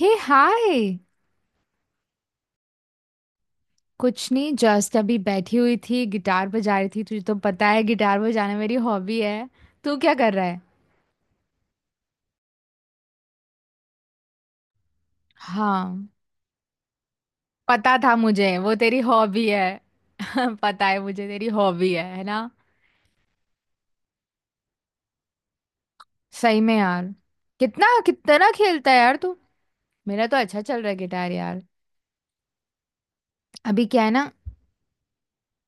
हे hi. कुछ नहीं, just अभी बैठी हुई थी, गिटार बजा रही थी। तुझे तो पता है, गिटार बजाना मेरी हॉबी है। तू क्या कर रहा है? हाँ। पता था मुझे, वो तेरी हॉबी है। पता है मुझे, तेरी हॉबी है ना। सही में यार। कितना कितना खेलता है यार तू? मेरा तो अच्छा चल रहा है गिटार यार। अभी क्या है ना।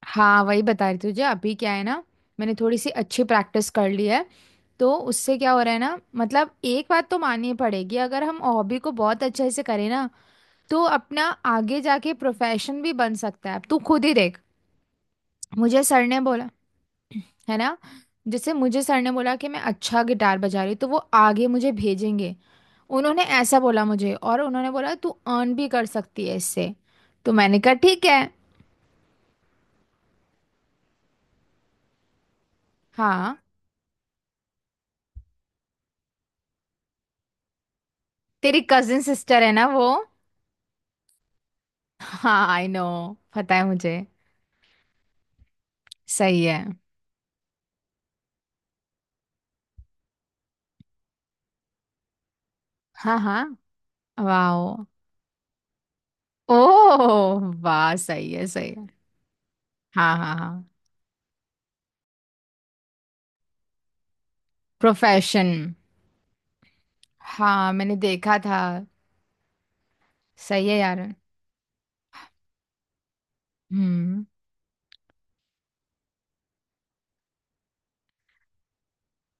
हाँ, वही बता रही तुझे, अभी क्या है ना। मैंने थोड़ी सी अच्छी प्रैक्टिस कर ली है। तो उससे क्या हो रहा है ना, मतलब एक बात तो माननी पड़ेगी, अगर हम हॉबी को बहुत अच्छे से करें ना तो अपना आगे जाके प्रोफेशन भी बन सकता है। तू खुद ही देख। मुझे सर ने बोला, है ना। जैसे मुझे सर ने बोला कि मैं अच्छा गिटार बजा रही हूँ, तो वो आगे मुझे भेजेंगे। उन्होंने ऐसा बोला मुझे, और उन्होंने बोला तू अर्न भी कर सकती है इससे। तो मैंने कहा ठीक है। हाँ तेरी कजिन सिस्टर है ना वो। हाँ आई नो। पता है मुझे। सही है। हाँ हाँ। वाओ। ओह वाह, सही है सही है। हाँ हाँ हाँ। प्रोफेशन। हाँ मैंने देखा था। सही है यार। हम्म।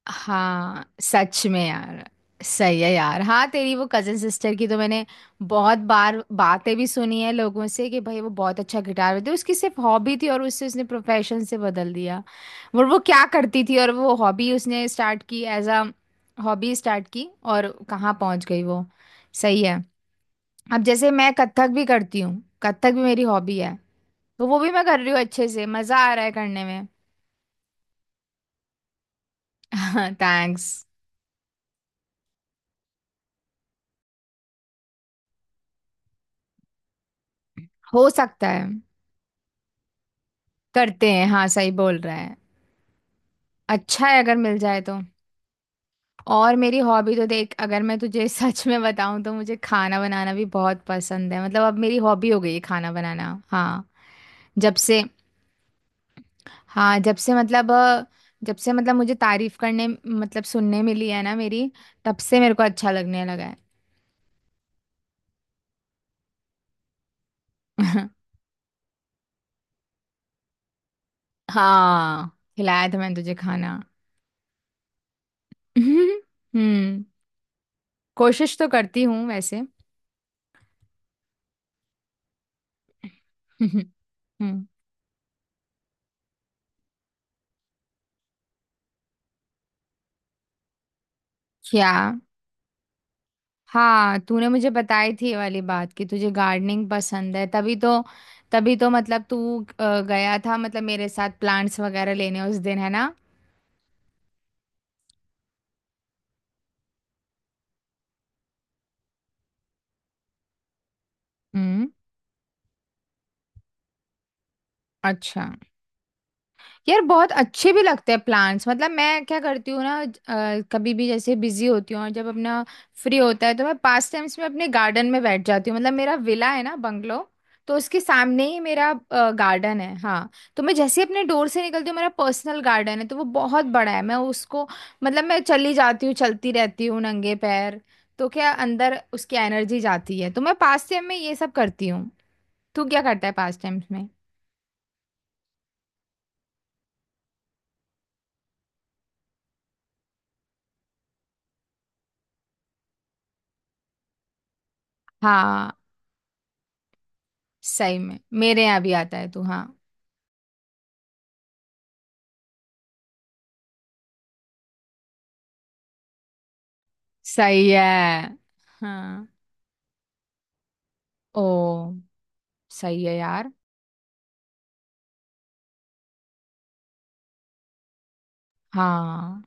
हाँ सच में यार। सही है यार। हाँ तेरी वो कजन सिस्टर की तो मैंने बहुत बार बातें भी सुनी है लोगों से कि भाई वो बहुत अच्छा गिटार बजाती, उसकी सिर्फ हॉबी थी और उससे उसने प्रोफेशन से बदल दिया। और वो क्या करती थी, और वो हॉबी उसने स्टार्ट की एज अ हॉबी स्टार्ट की और कहाँ पहुंच गई वो। सही है। अब जैसे मैं कथक भी करती हूँ, कथक भी मेरी हॉबी है। तो वो भी मैं कर रही हूँ अच्छे से, मजा आ रहा है करने में। थैंक्स। हो सकता है। करते हैं, हाँ, सही बोल रहा है। अच्छा है अगर मिल जाए तो। और मेरी हॉबी तो देख, अगर मैं तुझे सच में बताऊं तो मुझे खाना बनाना भी बहुत पसंद है, मतलब अब मेरी हॉबी हो गई है खाना बनाना, हाँ। जब से। हाँ, जब से मतलब मुझे तारीफ करने, मतलब सुनने मिली है ना मेरी, तब से मेरे को अच्छा लगने लगा है। हाँ। खिलाया था मैंने तुझे खाना। हम्म। कोशिश तो करती हूँ वैसे। हम्म। क्या? हाँ तूने मुझे बताई थी ये वाली बात, कि तुझे गार्डनिंग पसंद है, तभी तो। तभी तो, मतलब तू गया था, मतलब मेरे साथ प्लांट्स वगैरह लेने उस दिन, है ना। हम्म। अच्छा। यार बहुत अच्छे भी लगते हैं प्लांट्स, मतलब मैं क्या करती हूँ ना, कभी भी जैसे बिजी होती हूँ और जब अपना फ्री होता है तो मैं पास टाइम्स में अपने गार्डन में बैठ जाती हूँ, मतलब मेरा विला है ना, बंगलो। तो उसके सामने ही मेरा गार्डन है, हाँ। तो मैं जैसे ही अपने डोर से निकलती हूँ, मेरा पर्सनल गार्डन है, तो वो बहुत बड़ा है, मैं उसको मतलब मैं चली जाती हूँ, चलती रहती हूँ नंगे पैर। तो क्या अंदर उसकी एनर्जी जाती है, तो मैं पास टाइम में ये सब करती हूँ। तू क्या करता है पास टाइम्स में? हाँ सही में, मेरे यहाँ भी आता है तू, हाँ। सही है। हाँ, ओ, सही है यार, हाँ।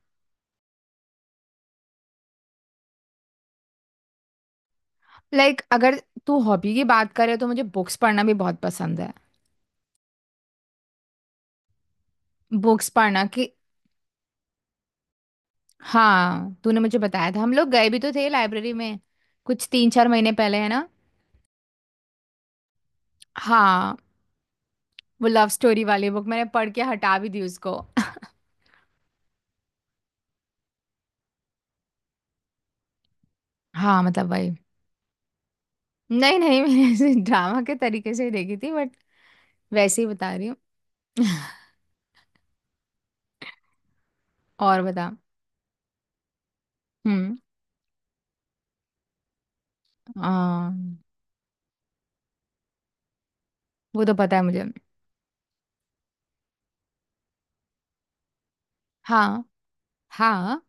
लाइक, अगर तू हॉबी की बात करे तो मुझे बुक्स पढ़ना भी बहुत पसंद है। बुक्स पढ़ना, कि। हाँ, तूने मुझे बताया था, हम लोग गए भी तो थे लाइब्रेरी में, कुछ 3-4 महीने पहले, है ना। हाँ। वो लव स्टोरी वाली बुक मैंने पढ़ के हटा भी दी उसको। हाँ मतलब भाई। नहीं नहीं, मैंने ऐसे ड्रामा के तरीके से ही देखी थी, बट वैसे ही बता रही हूँ। और बता। हम्म। वो तो पता है मुझे। हाँ हाँ।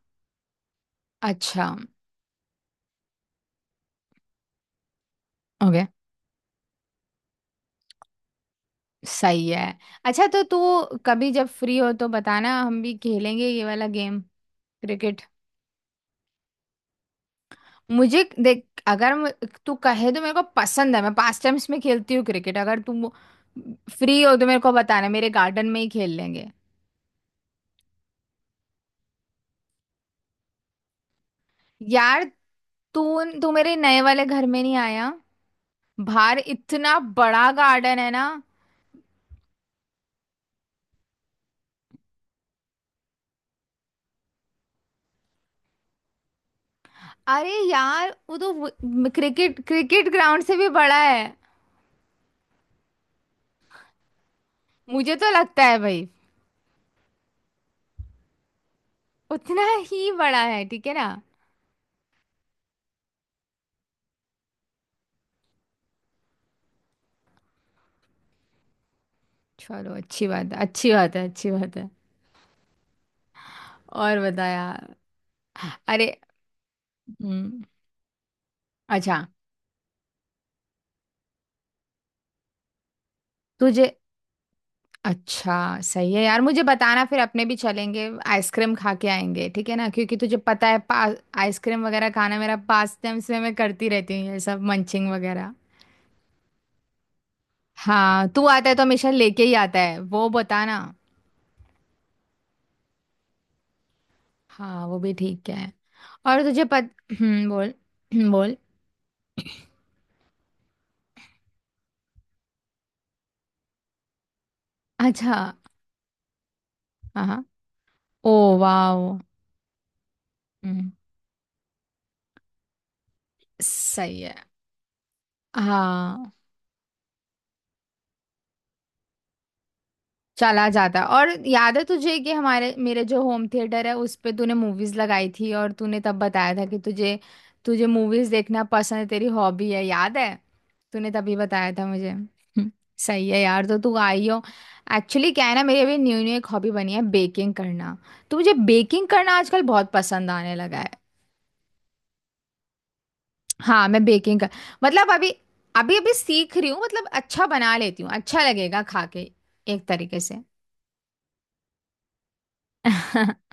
अच्छा। ओके, सही है। अच्छा तो तू कभी जब फ्री हो तो बताना, हम भी खेलेंगे ये वाला गेम, क्रिकेट। मुझे देख, अगर मु- तू कहे तो मेरे को पसंद है, मैं पास टाइम्स में खेलती हूँ क्रिकेट, अगर तुम फ्री हो तो मेरे को बताना, मेरे गार्डन में ही खेल लेंगे। यार, तू तू मेरे नए वाले घर में नहीं आया। बाहर इतना बड़ा गार्डन है ना। अरे यार, वो तो क्रिकेट क्रिकेट ग्राउंड से भी बड़ा है। मुझे तो लगता है भाई। उतना ही बड़ा है, ठीक है ना। चलो, अच्छी बात है, अच्छी बात है, अच्छी बात है। और बता यार। अरे। हम्म। अच्छा। तुझे। अच्छा। सही है यार, मुझे बताना फिर, अपने भी चलेंगे, आइसक्रीम खा के आएंगे, ठीक है ना, क्योंकि तुझे पता है पा आइसक्रीम वगैरह खाना मेरा पास टाइम से, मैं करती रहती हूँ ये सब, मंचिंग वगैरह। हाँ, तू आता है तो हमेशा लेके ही आता है, वो बताना। हाँ वो भी ठीक है। और तुझे पत हम्म, बोल। बोल। अच्छा। हाँ हाँ। ओ। वाओ। हम्म। सही है। हाँ। चला जाता है। और याद है तुझे, कि हमारे, मेरे जो होम थिएटर है उस पे तूने मूवीज लगाई थी, और तूने तब बताया था कि तुझे तुझे मूवीज देखना पसंद है, तेरी हॉबी है, याद है। तूने तभी बताया था मुझे, हम्म। सही है यार, तो तू आई हो। एक्चुअली क्या है ना, मेरी अभी न्यू न्यू एक हॉबी बनी है, बेकिंग करना। तो मुझे बेकिंग करना आजकल बहुत पसंद आने लगा है। हाँ मैं बेकिंग का, मतलब अभी अभी अभी सीख रही हूँ, मतलब अच्छा बना लेती हूँ, अच्छा लगेगा खा के, एक तरीके से।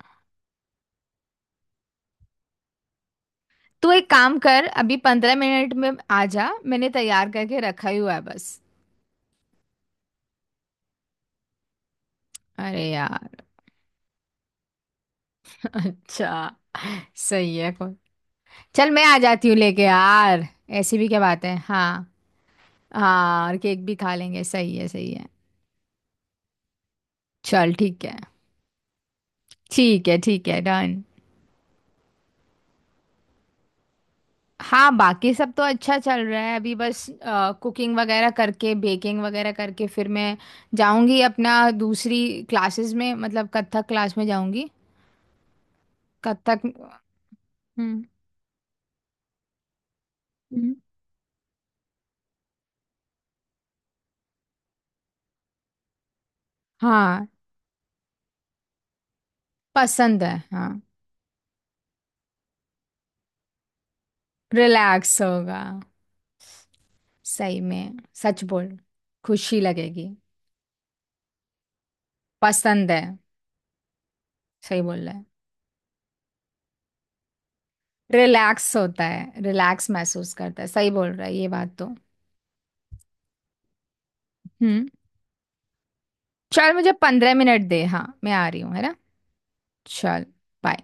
तू एक काम कर, अभी 15 मिनट में आ जा, मैंने तैयार करके रखा ही हुआ है बस। अरे यार। अच्छा। सही है, कोई। चल, मैं आ जाती हूँ लेके यार। ऐसी भी क्या बात है, हाँ। हाँ, और केक भी खा लेंगे, सही है सही है। चल ठीक है। ठीक है ठीक है, डन। हाँ, बाकी सब तो अच्छा चल रहा है, अभी बस कुकिंग वगैरह करके, बेकिंग वगैरह करके फिर मैं जाऊंगी अपना, दूसरी क्लासेस में, मतलब कथक क्लास में जाऊंगी। कथक। हम्म, हम्म। हाँ, पसंद है। हाँ, रिलैक्स होगा, सही में, सच बोल, खुशी लगेगी, पसंद है, सही बोल रहा है, रिलैक्स होता है, रिलैक्स महसूस करता है, सही बोल रहा है ये बात तो। हम्म। चल, मुझे 15 मिनट दे, हाँ मैं आ रही हूँ, है ना। चल, bye.